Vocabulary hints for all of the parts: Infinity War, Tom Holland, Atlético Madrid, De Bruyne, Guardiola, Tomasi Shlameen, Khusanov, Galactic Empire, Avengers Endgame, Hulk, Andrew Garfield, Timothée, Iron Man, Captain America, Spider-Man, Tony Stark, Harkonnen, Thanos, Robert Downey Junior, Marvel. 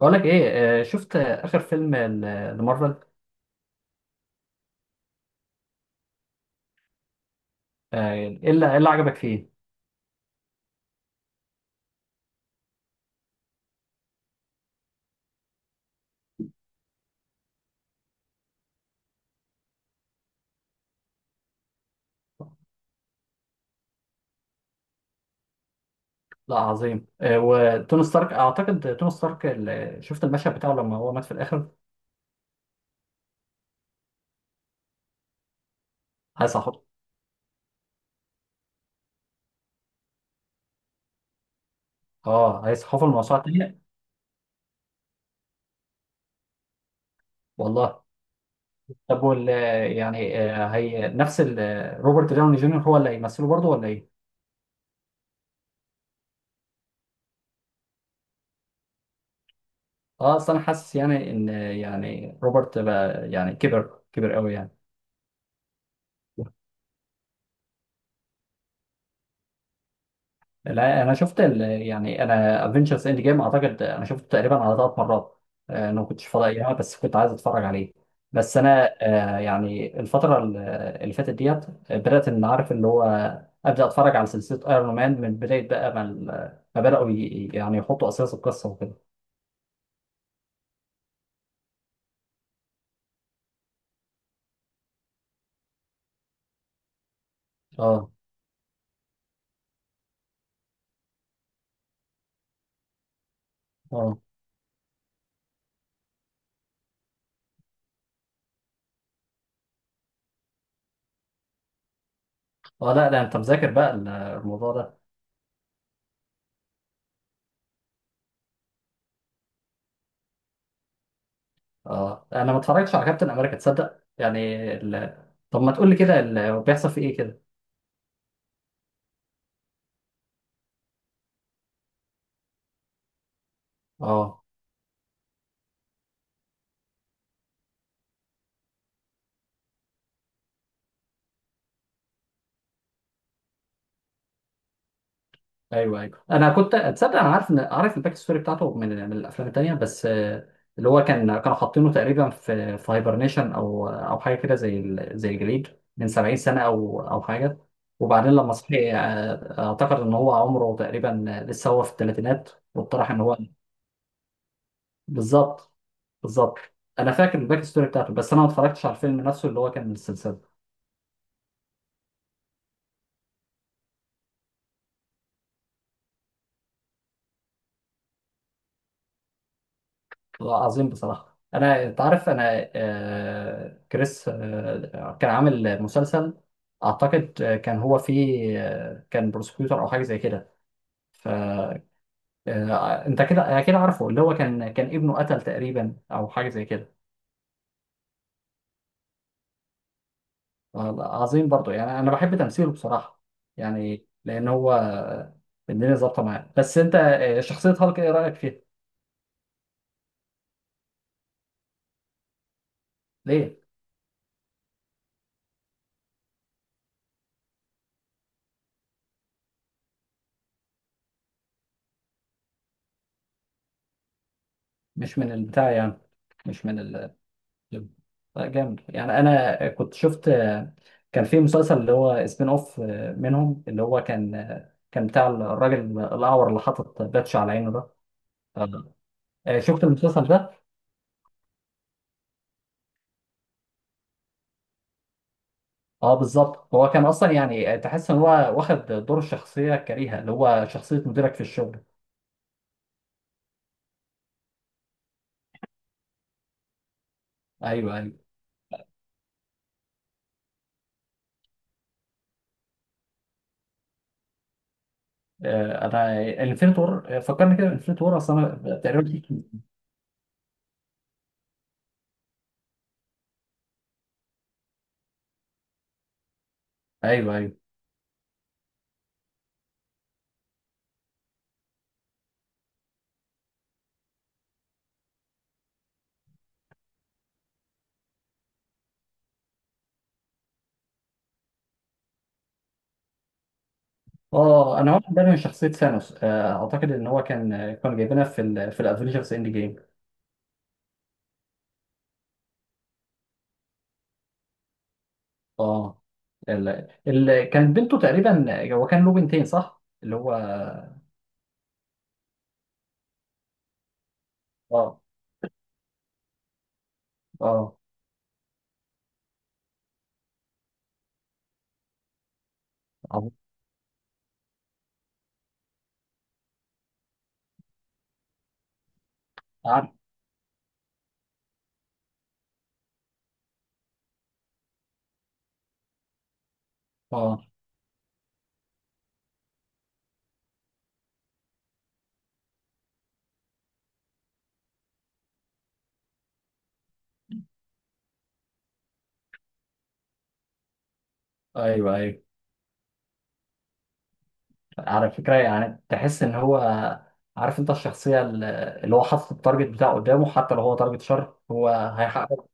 بقول لك ايه. شفت اخر فيلم لمارفل. ايه اللي إيه اللي عجبك فيه؟ لا، عظيم. وتوني ستارك، اعتقد شفت المشهد بتاعه لما هو مات في الاخر. هيصحوا. اه، هيصحوا الموسوعه الثانيه. والله. طب، يعني، هي نفس روبرت داوني جونيور هو اللي هيمثله برضه ولا ايه؟ اه، اصل انا حاسس يعني ان، يعني روبرت بقى يعني كبر كبر قوي يعني. لا، انا شفت، يعني انا، افنجرز اند جيم اعتقد انا شفته تقريبا على ثلاث مرات. انا ما كنتش فاضي ايامها بس كنت عايز اتفرج عليه. بس انا، يعني الفتره اللي فاتت ديت. بدات ان عارف اللي هو ابدا اتفرج على سلسله ايرون مان من بدايه بقى، ما بداوا، يعني يحطوا اساس القصه وكده. اه، اه، اه. لا لا، انت مذاكر بقى الموضوع ده. اه، انا ما اتفرجتش على كابتن امريكا تصدق يعني. ال... طب، ما تقول لي كده بيحصل في ايه كده. اه، ايوه، ايوه، انا كنت اتصدق. انا عارف، ان عارف الباك ستوري بتاعته من الافلام التانيه بس، اللي هو كانوا حاطينه تقريبا في هايبرنيشن او حاجه كده، زي زي الجليد، من 70 سنه او حاجه. وبعدين لما صحي، اعتقد ان هو عمره تقريبا، لسه هو في الثلاثينات. واقترح ان هو، بالظبط، بالظبط. انا فاكر الباك ستوري بتاعته بس انا ما اتفرجتش على الفيلم نفسه اللي هو كان من السلسله. عظيم بصراحة. أنا تعرف، أنا، كريس، كان عامل مسلسل، أعتقد، كان هو فيه، كان بروسكيوتور أو حاجة زي كده. فأنت كده أكيد عارفه، اللي هو كان ابنه قتل تقريبا أو حاجة زي كده. عظيم، برضه يعني أنا بحب تمثيله بصراحة، يعني لأن هو، الدنيا ظابطة معاه. بس أنت، شخصية هالك إيه رأيك فيها؟ ليه؟ مش من البتاع يعني، مش من ال. لا، جامد يعني. انا كنت شفت، كان في مسلسل اللي هو سبين اوف منهم، اللي هو كان بتاع الراجل الاعور اللي حاطط باتش على عينه ده. شفت المسلسل ده؟ اه، بالظبط. هو كان اصلا يعني، تحس ان هو واخد دور الشخصيه الكريهه، اللي هو شخصيه مديرك في الشغل. ايوه، ايوه. انا انفينيتي وور فكرني كده. انفينيتي وور، اصل انا تقريبا ايوه، ايوه. اه، انا واخد بالي من شخصيه ثانوس، اعتقد ان هو كان، كانوا جايبينها في الافنجرز اند جيم. اه، كان بنته تقريبا. هو كان له بنتين، صح؟ اللي هو، اه، اه، عبد- عارف. اه، ايوه، ايوه. على فكره يعني تحس ان هو، عارف انت، الشخصيه اللي هو حاطط التارجت بتاعه قدامه، حتى لو هو تارجت شر، هو هيحقق.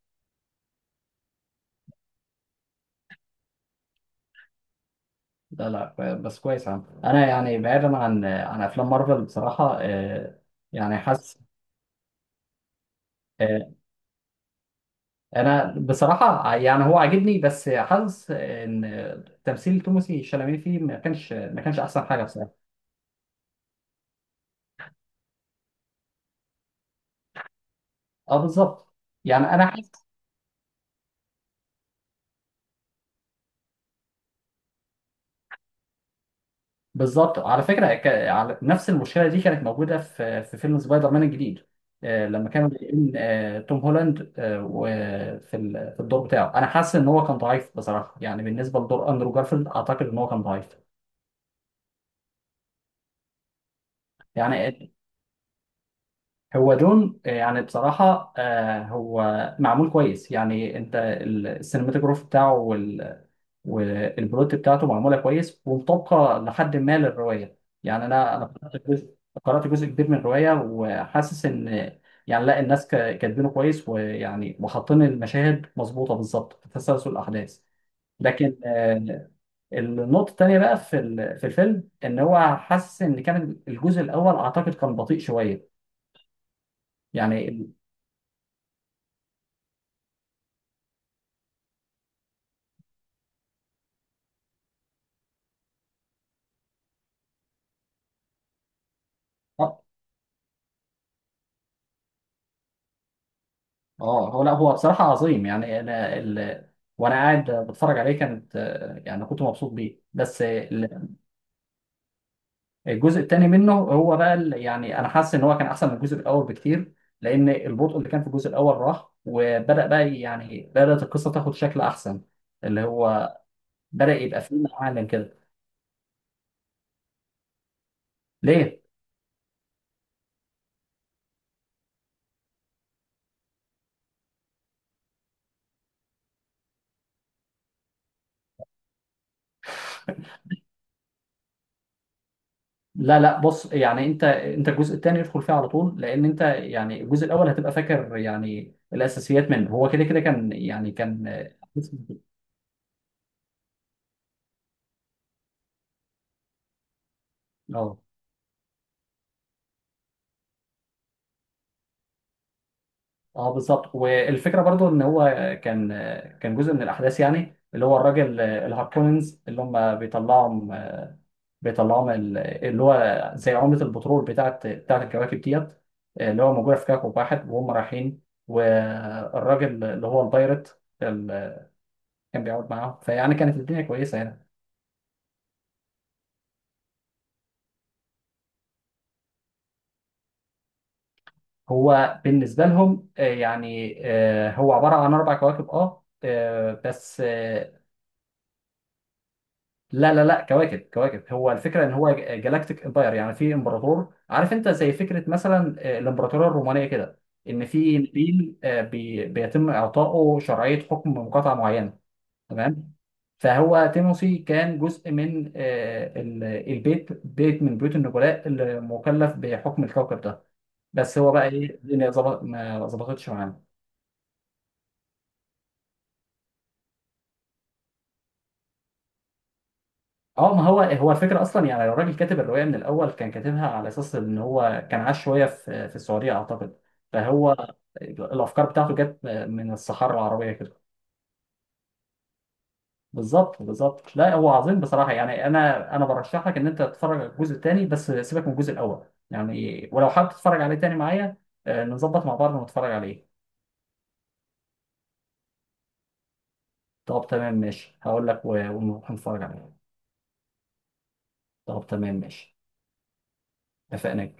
لا لا، بس كويس. عم. انا يعني، بعيدا عن افلام مارفل بصراحه، يعني حاسس، آه، انا بصراحه يعني هو عاجبني، بس حاسس ان تمثيل توماسي شلامين فيه ما كانش احسن حاجه بصراحه. اه، بالظبط. يعني انا حاسس، بالظبط. على فكره، نفس المشكله دي كانت موجوده في فيلم سبايدر مان الجديد. لما كانوا بيقين، توم هولاند، في الدور بتاعه، انا حاسس ان هو كان ضعيف بصراحه، يعني بالنسبه لدور اندرو جارفيلد اعتقد ان هو كان ضعيف. يعني هو دون، يعني بصراحة، هو معمول كويس يعني. انت، السينماتوجراف بتاعه والبلوت بتاعته معمولة كويس ومطابقة لحد ما للرواية، يعني انا، قرأت جزء كبير من الرواية، وحاسس ان، يعني لا، الناس كاتبينه كويس، ويعني وحاطين المشاهد مظبوطة بالظبط في تسلسل الأحداث. لكن، النقطة التانية بقى في الفيلم، ان هو، حاسس ان، كان الجزء الأول اعتقد كان بطيء شوية يعني. اه، هو لا، هو بصراحة عظيم يعني. انا، وانا قاعد بتفرج عليه، كانت، يعني كنت مبسوط بيه، بس، الجزء الثاني منه هو بقى، يعني انا حاسس ان هو كان احسن من الجزء الاول بكتير، لان البطء اللي كان في الجزء الاول راح، وبدأ بقى، يعني بدأت القصة تاخد شكل احسن، اللي هو بدأ يبقى فيه معالم كده. ليه؟ لا لا، بص يعني، انت الجزء الثاني ادخل فيه على طول، لان انت يعني، الجزء الاول هتبقى فاكر يعني الاساسيات منه، هو كده كده كان يعني كان. اه، اه، بالظبط. والفكره برضو ان هو كان، جزء من الاحداث يعني، اللي هو الراجل الهاركوننز اللي هم بيطلعهم، اللي هو زي عمله البترول بتاعت الكواكب ديت، اللي هو موجوده في كوكب واحد وهم رايحين. والراجل اللي هو البايرت اللي كان بيقعد معاهم، فيعني كانت الدنيا كويسه يعني. هو بالنسبه لهم، يعني، هو عباره عن اربع كواكب، اه، بس. لا لا لا، كواكب كواكب. هو الفكره ان هو جالاكتيك امباير، يعني في امبراطور. عارف انت، زي فكره مثلا، الامبراطوريه الرومانيه كده. ان في نبيل، بيتم اعطائه شرعيه حكم مقاطعه معينه. تمام. فهو تيموسي كان جزء من، البيت، بيت من بيوت النبلاء اللي مكلف بحكم الكوكب ده. بس هو بقى ايه، الدنيا ظبط ما ظبطتش معاه. اه، ما هو الفكره اصلا يعني، لو الراجل كاتب الروايه من الاول كان كاتبها على اساس ان هو كان عاش شويه في السعوديه اعتقد. فهو الافكار بتاعته جت من الصحراء العربيه كده. بالظبط، بالظبط. لا، هو عظيم بصراحه يعني. انا، برشح لك ان انت تتفرج على الجزء الثاني، بس سيبك من الجزء الاول. يعني، ولو حابب تتفرج عليه تاني معايا، نظبط مع بعض ونتفرج عليه. طب تمام ماشي، هقول لك، ونروح نتفرج عليه. طب تمام ماشي. اتفقنا.